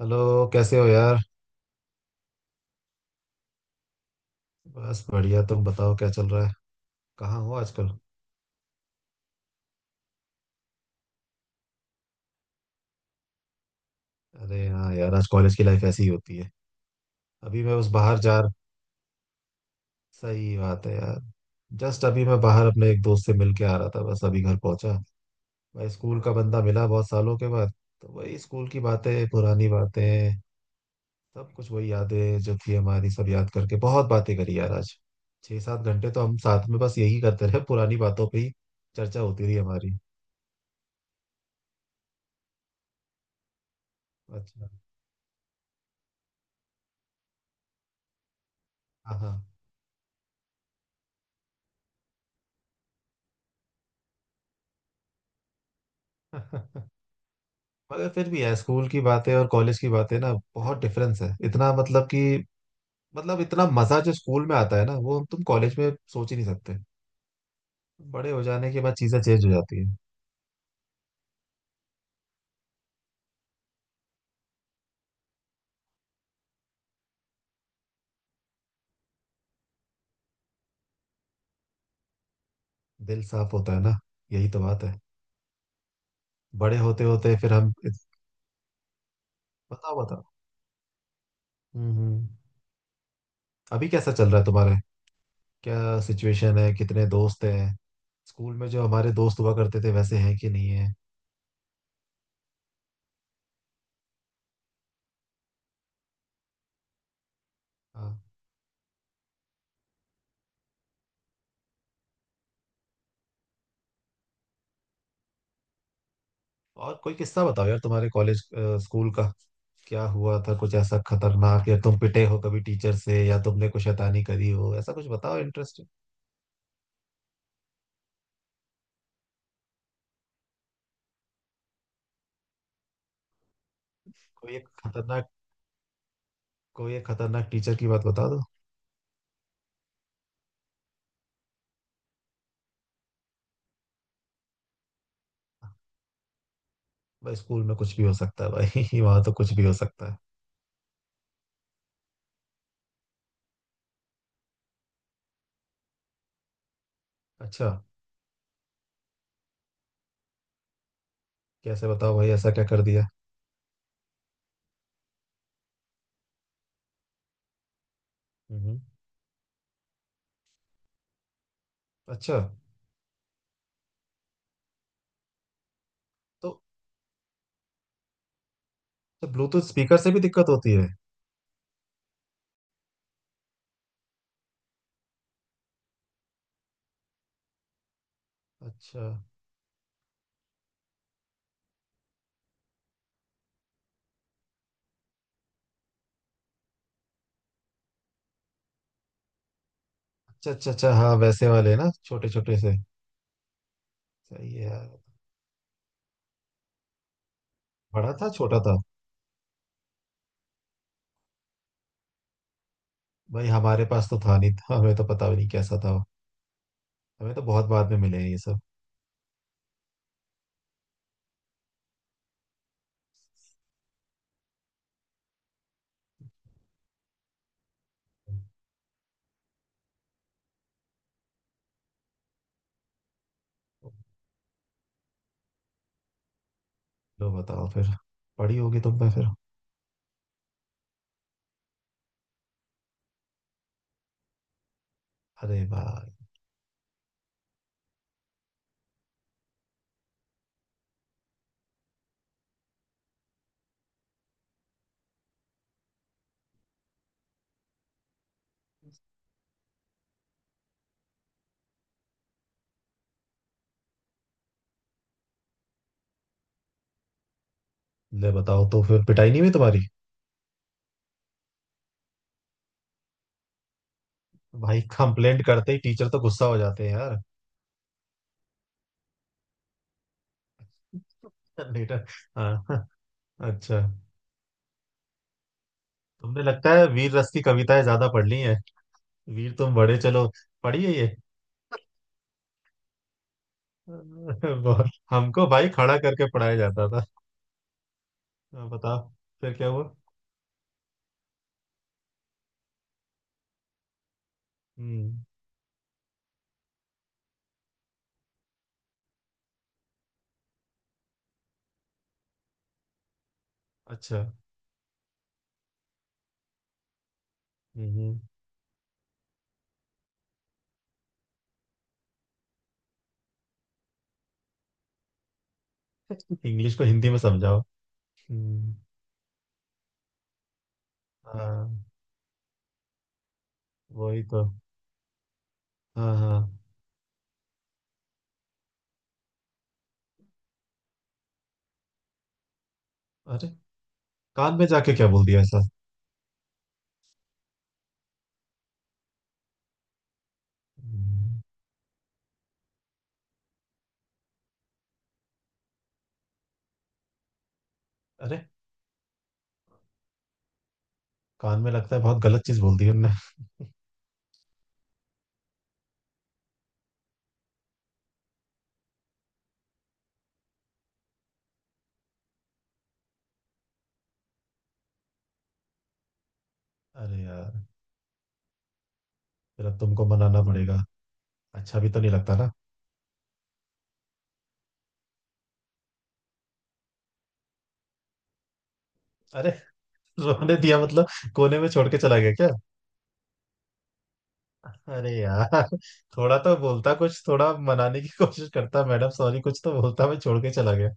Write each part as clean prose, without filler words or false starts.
Hello कैसे हो यार। बस बढ़िया, तुम बताओ क्या चल रहा है। कहाँ हो आजकल। अरे हाँ यार, आज कॉलेज की लाइफ ऐसी ही होती है। अभी मैं बस बाहर जा। सही बात है यार। जस्ट अभी मैं बाहर अपने एक दोस्त से मिल के आ रहा था, बस अभी घर पहुंचा। भाई स्कूल का बंदा मिला बहुत सालों के बाद। तो वही स्कूल की बातें, पुरानी बातें। सब कुछ वही यादें जो थी हमारी सब याद करके बहुत बातें करी यार आज। 6-7 घंटे तो हम साथ में बस यही करते रहे, पुरानी बातों पे ही चर्चा होती रही हमारी। अच्छा। हाँ हाँ। मगर फिर भी है, स्कूल की बातें और कॉलेज की बातें ना बहुत डिफरेंस है, इतना मतलब कि मतलब इतना मजा जो स्कूल में आता है ना वो हम तुम कॉलेज में सोच ही नहीं सकते। बड़े हो जाने के बाद चीजें चेंज हो जाती है। दिल साफ होता है ना। यही तो बात है। बड़े होते होते फिर हम। बताओ बताओ। हम्म हम्म। अभी कैसा चल रहा है तुम्हारे, क्या सिचुएशन है, कितने दोस्त हैं। स्कूल में जो हमारे दोस्त हुआ करते थे वैसे हैं कि नहीं है। हाँ। और कोई किस्सा बताओ यार, तुम्हारे कॉलेज स्कूल का क्या हुआ था, कुछ ऐसा खतरनाक या तुम पिटे हो कभी टीचर से, या तुमने कुछ शैतानी करी हो, ऐसा कुछ बताओ इंटरेस्टिंग। कोई एक खतरनाक, कोई एक खतरनाक टीचर की बात बता दो। भाई स्कूल में कुछ भी हो सकता है भाई वहां तो कुछ भी हो सकता है। अच्छा। कैसे बताओ भाई, ऐसा क्या कर दिया। हम्म। अच्छा। तो तो ब्लूटूथ स्पीकर से भी दिक्कत होती है। अच्छा अच्छा अच्छा। अच्छा हाँ वैसे वाले ना, छोटे छोटे से। सही है यार। बड़ा था छोटा था। भाई हमारे पास तो था नहीं, था हमें तो पता भी नहीं कैसा था वो। हमें तो बहुत बाद में मिले हैं ये सब। लो बताओ फिर। पड़ी होगी तुम पे फिर। अरे भाई। ले बताओ तो फिर पिटाई नहीं हुई तुम्हारी। भाई कंप्लेंट करते ही टीचर तो गुस्सा हो जाते हैं यार। लेटर। हाँ हाँ। अच्छा। तुमने लगता है वीर रस की कविताएं ज्यादा पढ़ ली हैं। वीर तुम बड़े, चलो पढ़ी है ये। अरे बहुत हमको भाई खड़ा करके पढ़ाया जाता था। हाँ, बताओ फिर क्या हुआ। हम्म। अच्छा। हम्म इंग्लिश को हिंदी में समझाओ। हम्म। हाँ वही तो। हाँ हाँ। अरे कान में जाके क्या बोल दिया ऐसा। हम्म। अरे कान में लगता है बहुत गलत चीज बोल दी उनने। अरे यार। फिर अब तुमको मनाना पड़ेगा। अच्छा भी तो नहीं लगता ना। अरे रोने दिया मतलब, कोने में छोड़ के चला गया क्या। अरे यार। थोड़ा तो बोलता कुछ, थोड़ा मनाने की कोशिश करता, मैडम सॉरी कुछ तो बोलता, मैं छोड़ के चला गया।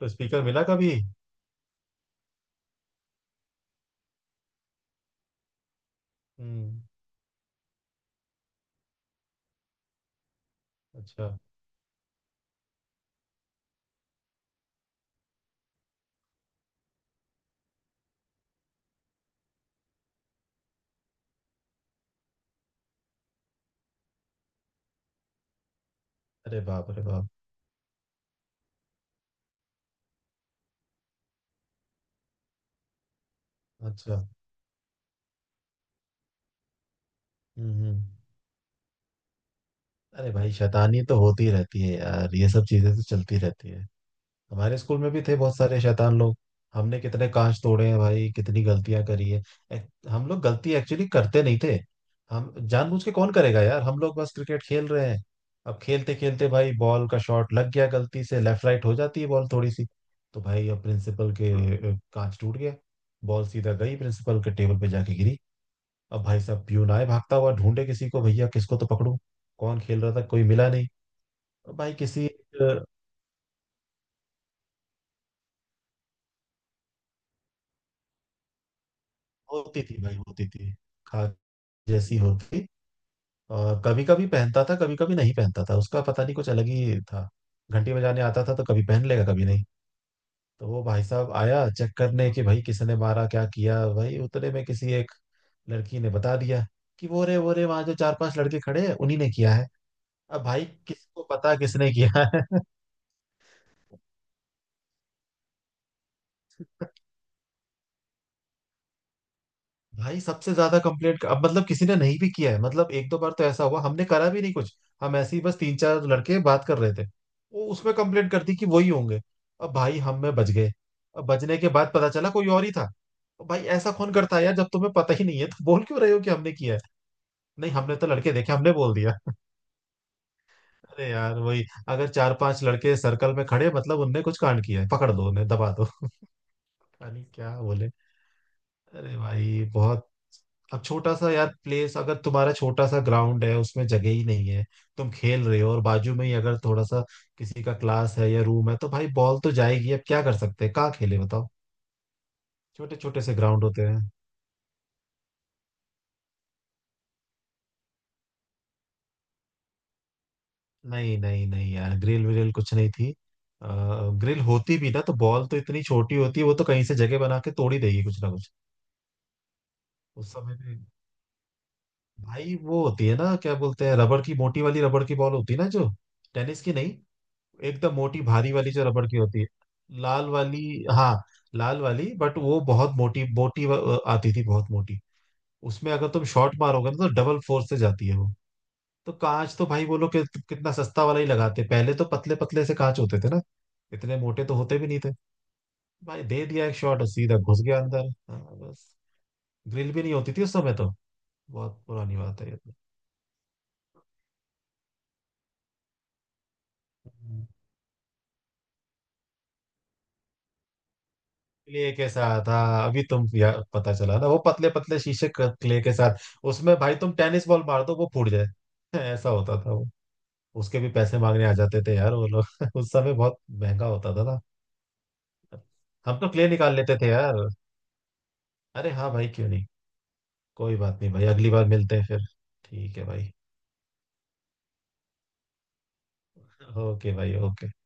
तो स्पीकर मिला कभी। हम्म। अच्छा। अरे बाप अरे बाप। अच्छा। हम्म हम्म। अरे भाई शैतानी तो होती रहती है यार, ये सब चीजें तो चलती रहती है। हमारे स्कूल में भी थे बहुत सारे शैतान लोग। हमने कितने कांच तोड़े हैं भाई, कितनी गलतियां करी है। हम लोग गलती एक्चुअली करते नहीं थे। हम जानबूझ के कौन करेगा यार, हम लोग बस क्रिकेट खेल रहे हैं। अब खेलते खेलते भाई बॉल का शॉट लग गया गलती से, लेफ्ट राइट हो जाती है बॉल थोड़ी सी। तो भाई अब प्रिंसिपल के कांच टूट गया। बॉल सीधा गई प्रिंसिपल के टेबल पे जाके गिरी। अब भाई साहब प्यून आए भागता हुआ, ढूंढे किसी को, भैया किसको तो पकड़ूं। कौन खेल रहा था कोई मिला नहीं। अब भाई किसी होती थी भाई, होती थी। खा जैसी होगी। और कभी कभी पहनता था, कभी कभी नहीं पहनता था, उसका पता नहीं कुछ अलग ही था। घंटी बजाने आता था तो कभी पहन लेगा कभी नहीं। तो वो भाई साहब आया चेक करने कि भाई किसने मारा क्या किया, भाई उतने में किसी एक लड़की ने बता दिया कि वो रे वहां जो चार पांच लड़के खड़े हैं उन्हीं ने किया है। अब भाई किसको पता किसने किया है। भाई सबसे ज्यादा कंप्लेंट, अब मतलब किसी ने नहीं भी किया है, मतलब एक दो बार तो ऐसा हुआ हमने करा भी नहीं कुछ। हम ऐसे ही बस तीन चार लड़के बात कर रहे थे। वो उसमें कंप्लेंट कर दी कि वही होंगे। अब भाई हम में बच गए। अब बचने के बाद पता चला कोई और ही था। अब भाई ऐसा कौन करता है यार, जब तुम्हें पता ही नहीं है तो बोल क्यों रहे हो कि हमने किया है। नहीं हमने तो लड़के देखे, हमने बोल दिया। अरे यार वही। अगर चार पांच लड़के सर्कल में खड़े, मतलब उनने कुछ कांड किया है, पकड़ दो उन्हें दबा दो। पता नहीं क्या बोले। अरे भाई बहुत। अब छोटा सा यार प्लेस, अगर तुम्हारा छोटा सा ग्राउंड है उसमें जगह ही नहीं है, तुम खेल रहे हो और बाजू में ही अगर थोड़ा सा किसी का क्लास है या रूम है, तो भाई बॉल तो जाएगी, अब क्या कर सकते हैं, कहाँ खेले बताओ। छोटे छोटे से ग्राउंड होते हैं। नहीं नहीं नहीं यार, ग्रिल विल कुछ नहीं थी। ग्रिल होती भी ना तो बॉल तो इतनी छोटी होती है, वो तो कहीं से जगह बना के तोड़ ही देगी कुछ ना कुछ। उस समय पे। भाई वो होती है ना, क्या बोलते हैं, रबड़ की मोटी वाली, रबड़ की बॉल होती है ना जो, टेनिस की नहीं, एकदम मोटी भारी वाली जो रबड़ की होती है। लाल वाली। हाँ। लाल वाली, बट वो बहुत मोटी मोटी आती थी, बहुत मोटी। उसमें अगर तुम शॉट मारोगे ना तो डबल फोर्स से जाती है वो। तो कांच तो भाई बोलो कि कितना सस्ता वाला ही लगाते, पहले तो पतले पतले से कांच होते थे ना, इतने मोटे तो होते भी नहीं थे। भाई दे दिया एक शॉट और सीधा घुस गया अंदर, हाँ, बस। ग्रिल भी नहीं होती थी उस समय तो। बहुत पुरानी बात है ये तो। क्ले के साथ हाँ, अभी तुम पता चला ना वो पतले पतले शीशे क्ले के साथ। उसमें भाई तुम टेनिस बॉल मार दो वो फूट जाए। ऐसा होता था वो। उसके भी पैसे मांगने आ जाते थे यार वो लोग। उस समय बहुत महंगा होता था ना। हम तो क्ले निकाल लेते थे यार। अरे हाँ भाई क्यों नहीं। कोई बात नहीं भाई, अगली बार मिलते हैं फिर। ठीक है भाई। ओके भाई ओके।